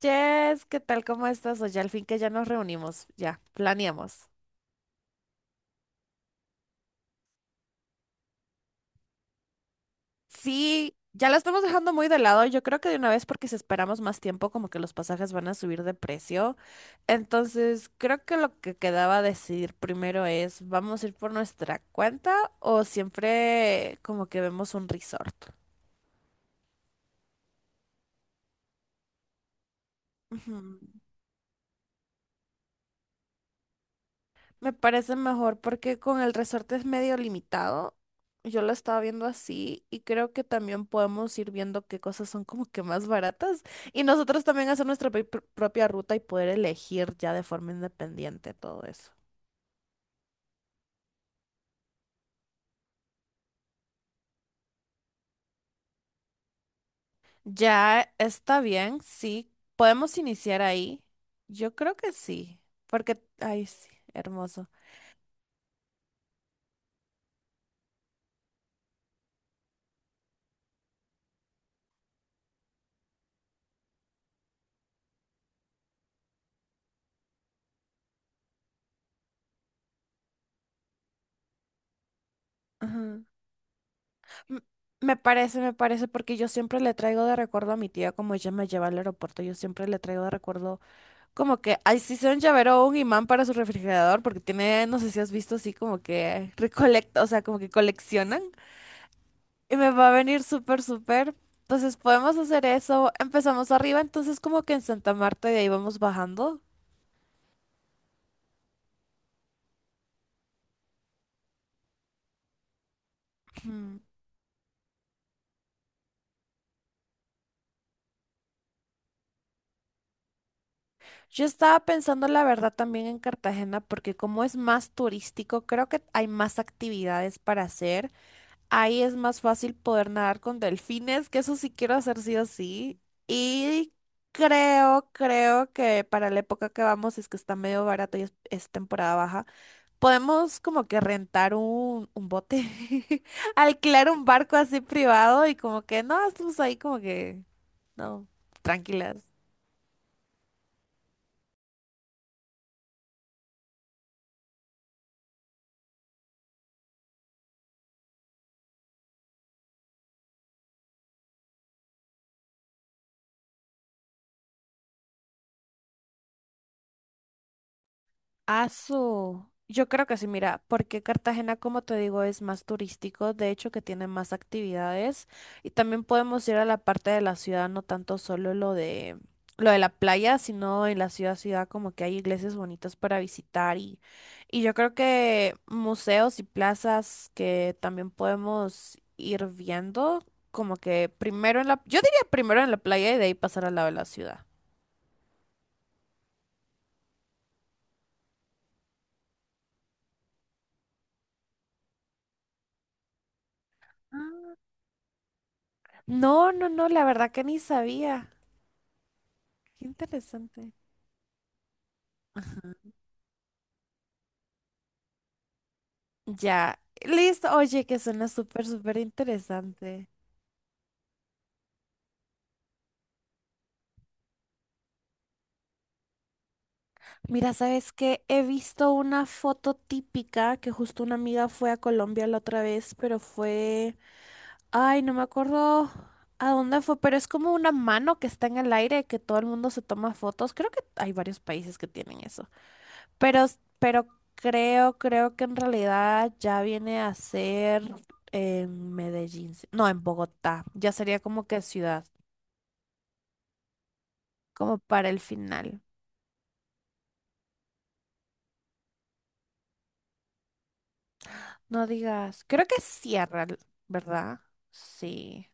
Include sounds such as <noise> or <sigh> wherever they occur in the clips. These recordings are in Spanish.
Jess, ¿qué tal? ¿Cómo estás? Oye, al fin que ya nos reunimos, ya, planeamos. Sí, ya la estamos dejando muy de lado. Yo creo que de una vez, porque si esperamos más tiempo, como que los pasajes van a subir de precio. Entonces, creo que lo que quedaba decidir primero es, ¿vamos a ir por nuestra cuenta o siempre como que vemos un resort? Ujú. Me parece mejor porque con el resorte es medio limitado. Yo lo estaba viendo así y creo que también podemos ir viendo qué cosas son como que más baratas y nosotros también hacer nuestra propia ruta y poder elegir ya de forma independiente todo eso. Ya está bien, sí. ¿Podemos iniciar ahí? Yo creo que sí, porque, ay, sí, hermoso. Ajá. M- me parece, porque yo siempre le traigo de recuerdo a mi tía, como ella me lleva al aeropuerto, yo siempre le traigo de recuerdo. Como que, ay, sí, sea un llavero o un imán para su refrigerador, porque tiene, no sé si has visto así como que recolecta, o sea, como que coleccionan. Y me va a venir súper, súper. Entonces podemos hacer eso. Empezamos arriba, entonces como que en Santa Marta y de ahí vamos bajando. Hmm. Yo estaba pensando la verdad también en Cartagena, porque como es más turístico, creo que hay más actividades para hacer. Ahí es más fácil poder nadar con delfines, que eso sí quiero hacer sí o sí. Y creo, creo que para la época que vamos, es que está medio barato y es temporada baja, podemos como que rentar un bote, <laughs> alquilar un barco así privado y como que no, estamos ahí como que, no, tranquilas. Azul. Yo creo que sí, mira, porque Cartagena, como te digo, es más turístico, de hecho que tiene más actividades y también podemos ir a la parte de la ciudad, no tanto solo lo de la playa, sino en la ciudad, ciudad como que hay iglesias bonitas para visitar y yo creo que museos y plazas que también podemos ir viendo, como que primero en la, yo diría primero en la playa y de ahí pasar al lado de la ciudad. Ah. No, no, no, la verdad que ni sabía. Qué interesante. Ya, listo. Oye, que suena súper, súper interesante. Mira, ¿sabes qué? He visto una foto típica que justo una amiga fue a Colombia la otra vez, pero fue… Ay, no me acuerdo a dónde fue, pero es como una mano que está en el aire que todo el mundo se toma fotos. Creo que hay varios países que tienen eso. Pero, pero creo, creo que en realidad ya viene a ser en Medellín. No, en Bogotá. Ya sería como que ciudad, como para el final. No digas, creo que cierra, ¿verdad? Sí.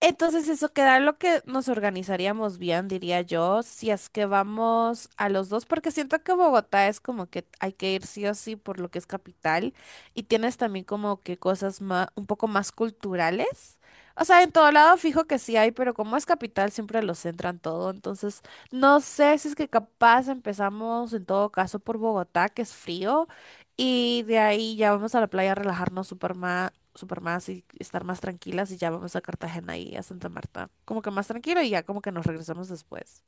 Entonces eso queda lo que nos organizaríamos bien, diría yo, si es que vamos a los dos, porque siento que Bogotá es como que hay que ir sí o sí por lo que es capital y tienes también como que cosas más, un poco más culturales. O sea, en todo lado fijo que sí hay, pero como es capital siempre lo centran todo, entonces no sé si es que capaz empezamos en todo caso por Bogotá, que es frío, y de ahí ya vamos a la playa a relajarnos súper más y estar más tranquilas y ya vamos a Cartagena y a Santa Marta. Como que más tranquilo y ya como que nos regresamos después.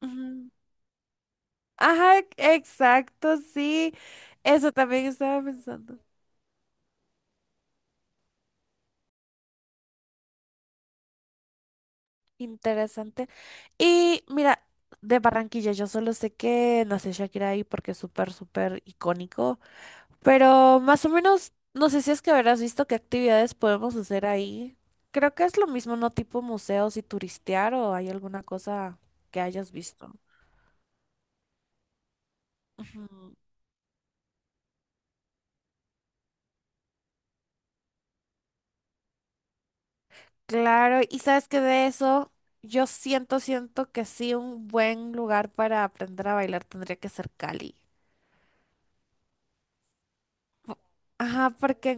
Ujú. Ajá, exacto, sí. Eso también estaba pensando. Interesante. Y mira, de Barranquilla, yo solo sé que nació Shakira ahí porque es súper, súper icónico. Pero más o menos, no sé si es que habrás visto qué actividades podemos hacer ahí. Creo que es lo mismo, ¿no? Tipo museos y turistear o hay alguna cosa que hayas visto. Ujú. Claro, y sabes que de eso yo siento, siento que sí, un buen lugar para aprender a bailar tendría que ser Cali. Ajá, porque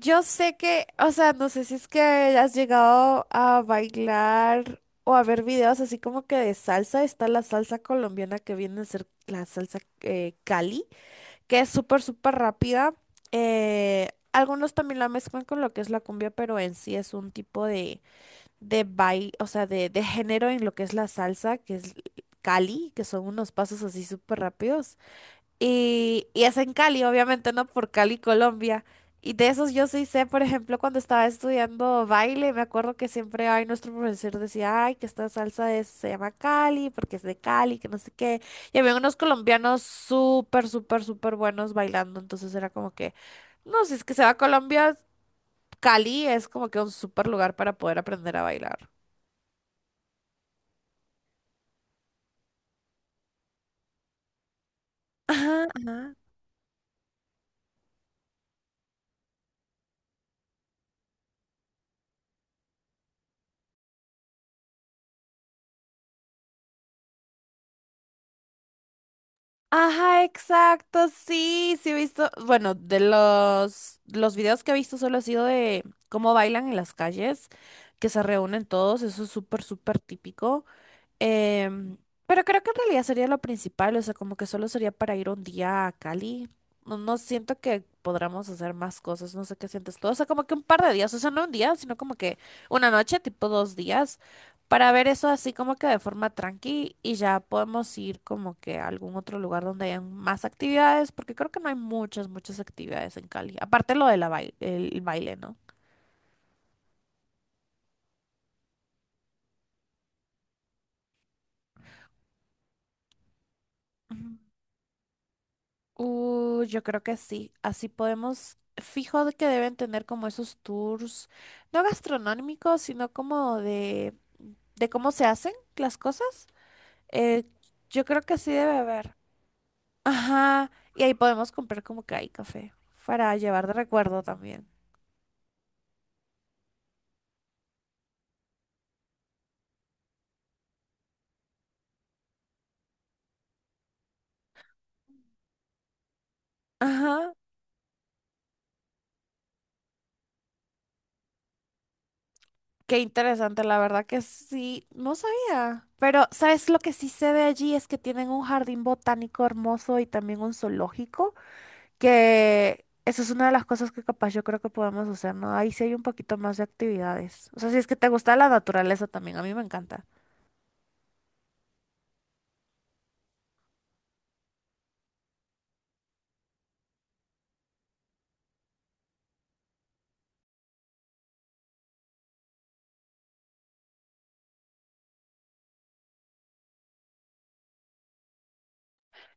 yo sé que, o sea, no sé si es que has llegado a bailar o a ver videos así como que de salsa, está la salsa colombiana que viene a ser la salsa Cali, que es súper, súper rápida. Algunos también la mezclan con lo que es la cumbia, pero en sí es un tipo de o sea, de género en lo que es la salsa, que es Cali, que son unos pasos así súper rápidos. Y es en Cali, obviamente, ¿no? Por Cali, Colombia. Y de esos yo sí sé, por ejemplo, cuando estaba estudiando baile, me acuerdo que siempre, ay, nuestro profesor decía, ay, que esta se llama Cali, porque es de Cali, que no sé qué. Y había unos colombianos súper, súper, súper buenos bailando, entonces era como que, no, si es que se va a Colombia, Cali es como que un súper lugar para poder aprender a bailar. Ajá, ajá. Ajá, exacto, sí, sí he visto, bueno, de los videos que he visto solo ha sido de cómo bailan en las calles, que se reúnen todos, eso es súper, súper típico. Em, pero creo que en realidad sería lo principal, o sea, como que solo sería para ir un día a Cali. No, no siento que podamos hacer más cosas, no sé qué sientes tú. O sea, como que un par de días, o sea, no un día, sino como que una noche, tipo dos días, para ver eso así como que de forma tranqui y ya podemos ir como que a algún otro lugar donde hayan más actividades, porque creo que no hay muchas, muchas actividades en Cali. Aparte lo de la baile, el baile, ¿no? Yo creo que sí. Así podemos, fijo de que deben tener como esos tours, no gastronómicos, sino como de cómo se hacen las cosas. Eh, yo creo que sí debe haber. Ajá. Y ahí podemos comprar como que hay café para llevar de recuerdo también. Ajá. Qué interesante, la verdad que sí. No sabía. Pero, ¿sabes lo que sí se ve allí? Es que tienen un jardín botánico hermoso y también un zoológico, que eso es una de las cosas que capaz yo creo que podemos hacer, ¿no? Ahí sí hay un poquito más de actividades. O sea, si es que te gusta la naturaleza también, a mí me encanta.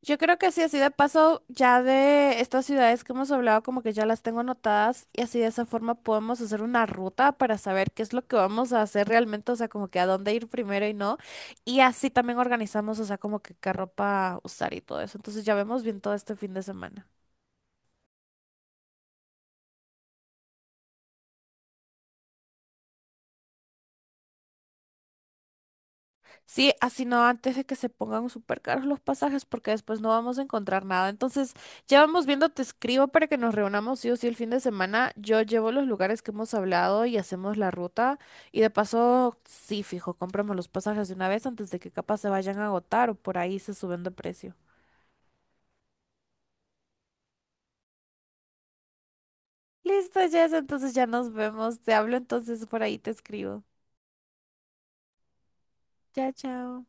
Yo creo que sí, así de paso, ya de estas ciudades que hemos hablado, como que ya las tengo anotadas y así de esa forma podemos hacer una ruta para saber qué es lo que vamos a hacer realmente, o sea, como que a dónde ir primero y no. Y así también organizamos, o sea, como que qué ropa usar y todo eso. Entonces ya vemos bien todo este fin de semana. Sí, así no antes de que se pongan súper caros los pasajes porque después no vamos a encontrar nada. Entonces, ya vamos viendo, te escribo para que nos reunamos sí o sí el fin de semana. Yo llevo los lugares que hemos hablado y hacemos la ruta. Y de paso, sí, fijo, compramos los pasajes de una vez antes de que capaz se vayan a agotar o por ahí se suben de precio. Listo, Jess, entonces ya nos vemos. Te hablo entonces por ahí, te escribo. Chao, chao.